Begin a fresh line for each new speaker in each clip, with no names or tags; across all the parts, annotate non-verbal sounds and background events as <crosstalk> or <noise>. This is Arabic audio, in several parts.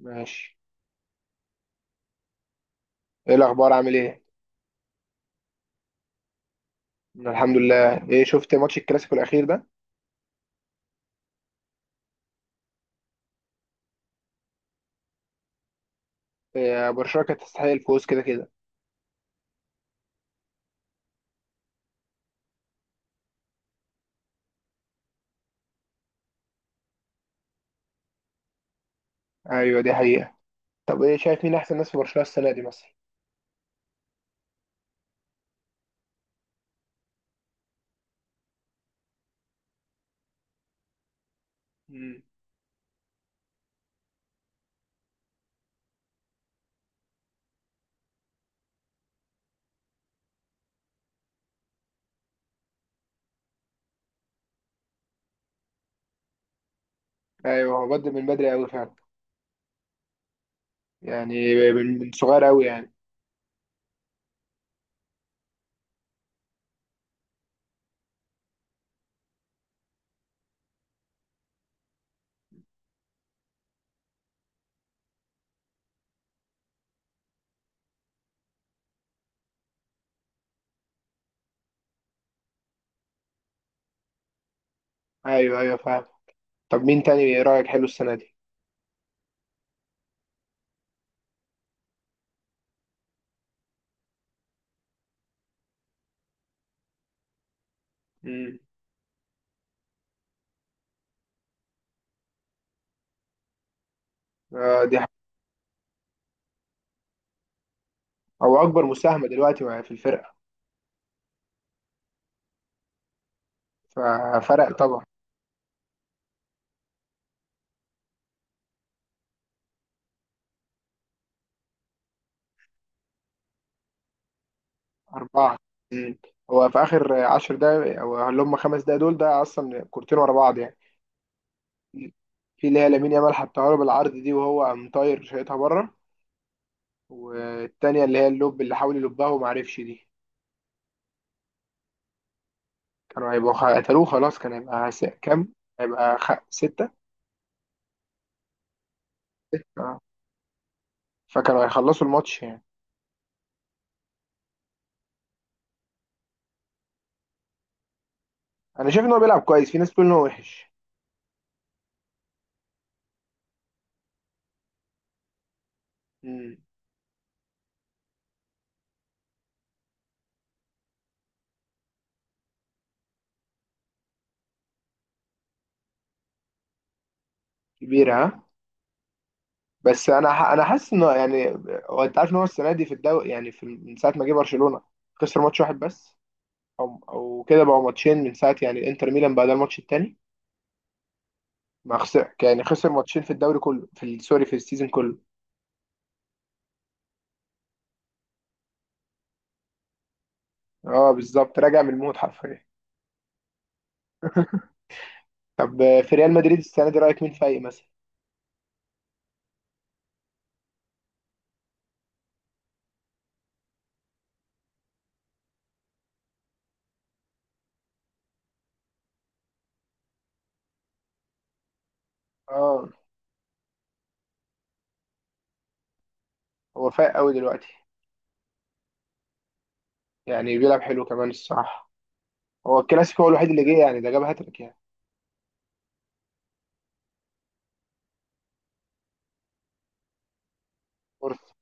ماشي. ايه الاخبار، عامل ايه؟ أنا الحمد لله. ايه، شفت ماتش الكلاسيكو الاخير ده؟ إيه، برشلونة كانت تستحق الفوز كده كده. ايوه دي حقيقة. طب ايه، شايف مين احسن ناس في برشلونة السنة دي مثلا؟ مم. ايوه، هو بدأ من بدري قوي فعلا. يعني من صغير قوي يعني. ايوه ايوه فاهم. طب مين تاني، ايه رأيك حلو السنة دي؟ مم. آه دي حقيقة. هو اكبر مساهمة دلوقتي مع- في الفرقة. ففرق طبعا. أربعة. مم. هو في آخر 10 دقايق، أو اللي هم 5 دقايق دول، ده أصلا كورتين ورا بعض يعني. في اللي هي لامين يامال حطها له بالعرض دي وهو قام طاير شايطها بره، والتانية اللي هي اللوب اللي حاول يلبها وما عرفش دي. كانوا هيبقوا قتلوه خلاص، كان هيبقى كام؟ هيبقى ستة. آه. فكانوا هيخلصوا الماتش يعني. أنا شايف إن هو بيلعب كويس، في ناس بتقول إن هو وحش. مم. كبيرة ها. بس أنا حاسس إنه يعني هو، أنت عارف إن هو السنة دي في الدوري، يعني من ساعة ما جه برشلونة خسر ماتش واحد بس. أو كده بقوا ماتشين، من ساعة يعني إنتر ميلان بعد الماتش التاني. ما خسر يعني، خسر ماتشين في الدوري كله في ال- سوري، في السيزون كله. اه بالظبط، راجع من الموت حرفيا. <laughs> طب آه، في ريال مدريد السنه دي رايك مين فايق مثلا؟ اه هو فايق قوي دلوقتي. يعني بيلعب حلو كمان الصراحه. هو الكلاسيكو هو الوحيد اللي جه، يعني ده جاب هاتريك يعني. فرصه.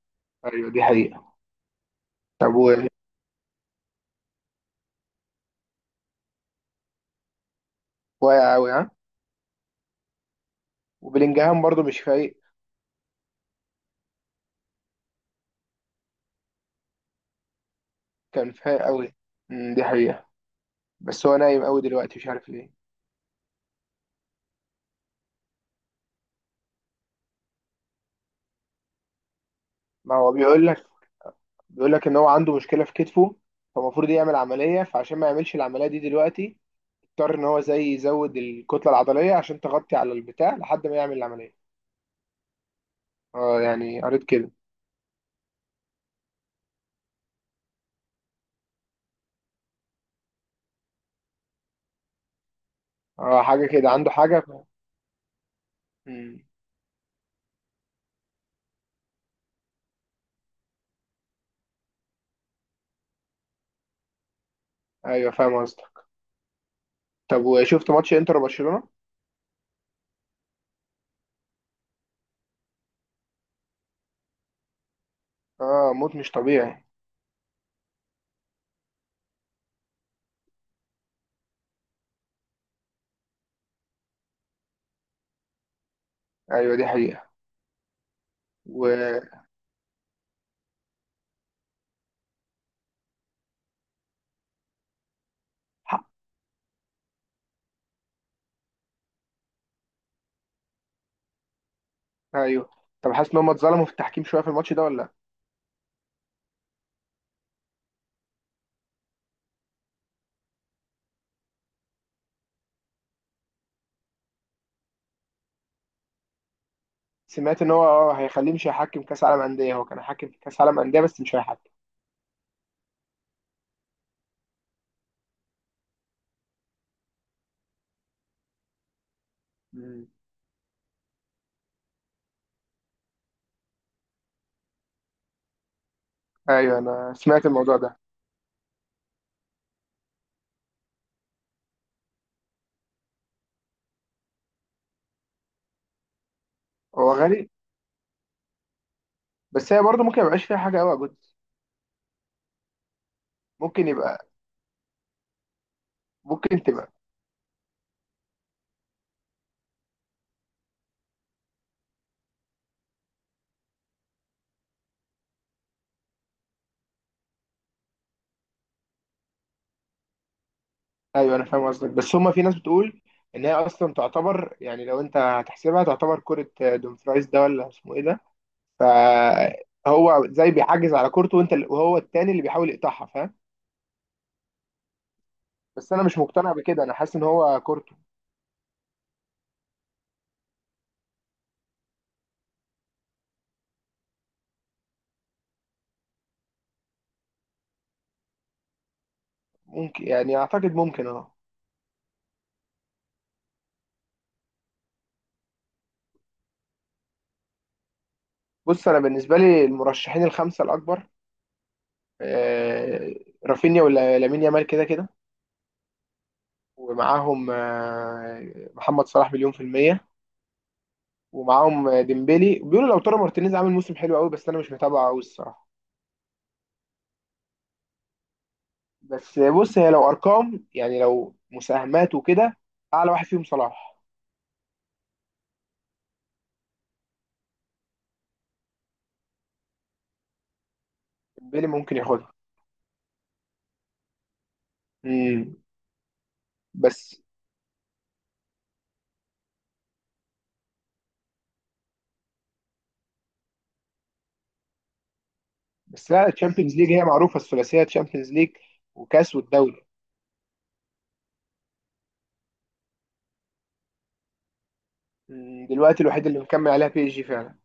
ايوه دي حقيقه. طب واقع قوي ها. وبلينجهام برضه مش فايق. كان فايق قوي. أمم، دي حقيقه. بس هو نايم قوي دلوقتي مش عارف ليه. ما هو بيقول لك، بيقول لك ان هو عنده مشكله في كتفه، فالمفروض يعمل عمليه. فعشان ما يعملش العمليه دي دلوقتي، اضطر ان هو زي يزود الكتله العضليه عشان تغطي على البتاع لحد ما يعمل العمليه. اه يعني قريت كده. اه حاجه كده، عنده حاجه مم. ايوه فاهم قصدك. طب وشفت ماتش انتر وبرشلونه؟ اه موت مش طبيعي. ايوه دي حقيقه. و حق. ايوه. طب حاسس ان هم اتظلموا في التحكيم شويه في الماتش ده ولا لأ؟ سمعت ان هو اه هيخليه مش هيحكم كاس عالم انديه، هو كان حاكم في كاس عالم انديه بس مش هيحكم. مم. ايوه انا سمعت الموضوع ده. هو غالي. بس هي برضه ممكن ما يبقاش فيها حاجه قوي يا جد. ممكن يبقى. ممكن تبقى. ايوه انا فاهم قصدك، بس هما في ناس بتقول ان هي اصلا تعتبر، يعني لو انت هتحسبها تعتبر كرة آه، دومفرايز ده ولا اسمه ايه ده، فهو زي بيحجز على كورته، وانت وهو التاني اللي بيحاول يقطعها، فاهم. بس انا مش مقتنع بكده، انا حاسس ان هو كورته. ممكن يعني، اعتقد ممكن اه. بص انا بالنسبة لي المرشحين الخمسة الاكبر، آه، رافينيا ولا لامين يامال كده كده، ومعاهم آه، محمد صلاح مليون في المية، ومعاهم آه، ديمبلي. بيقولوا لو ترى مارتينيز عامل موسم حلو قوي بس انا مش متابعه قوي الصراحة. بس بص، هي لو ارقام يعني، لو مساهمات وكده، اعلى واحد فيهم صلاح. ديمبلي ممكن ياخدها. امم. بس بس لا، الشامبيونز ليج هي معروفه، الثلاثيه تشامبيونز ليج وكاس والدوري. مم، دلوقتي الوحيد اللي مكمل عليها بي اس جي فعلا.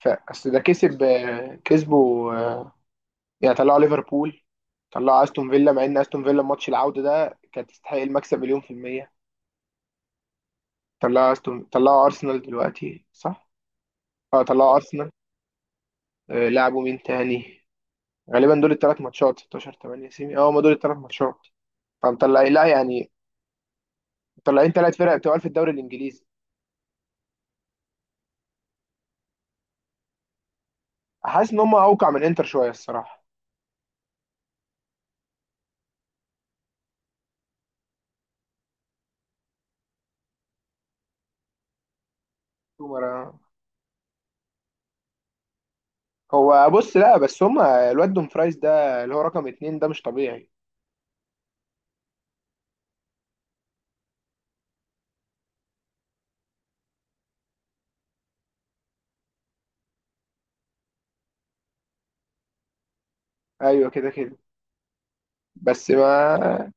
فاصل ده كسب آه، كسبوا آه، يعني طلعوا ليفربول، طلعوا استون فيلا، مع ان استون فيلا ماتش العوده ده كانت تستحق المكسب مليون في الميه. طلعوا استون، طلعوا ارسنال دلوقتي صح؟ اه طلعوا ارسنال. آه، لعبوا مين تاني؟ غالبا دول الثلاث ماتشات، 16، 8، سيمي. اه هم دول الثلاث ماتشات. فمطلع لا يعني، مطلعين ثلاث فرق بتوع في الدوري الانجليزي. حاسس ان هم اوقع من انتر شويه الصراحه. سومر. هو بص لا، بس هم الواد دوم فرايز ده اللي هو رقم 2 ده مش طبيعي. ايوه كده كده. بس ما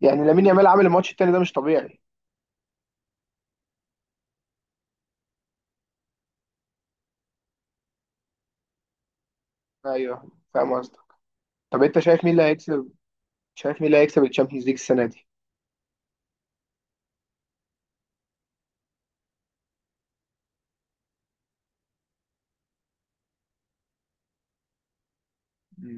يعني، لامين يامال عامل الماتش التاني ده مش طبيعي. ايوه فاهم قصدك. طب انت شايف مين اللي هيكسب؟ شايف مين اللي هيكسب الشامبيونز ليج السنه دي؟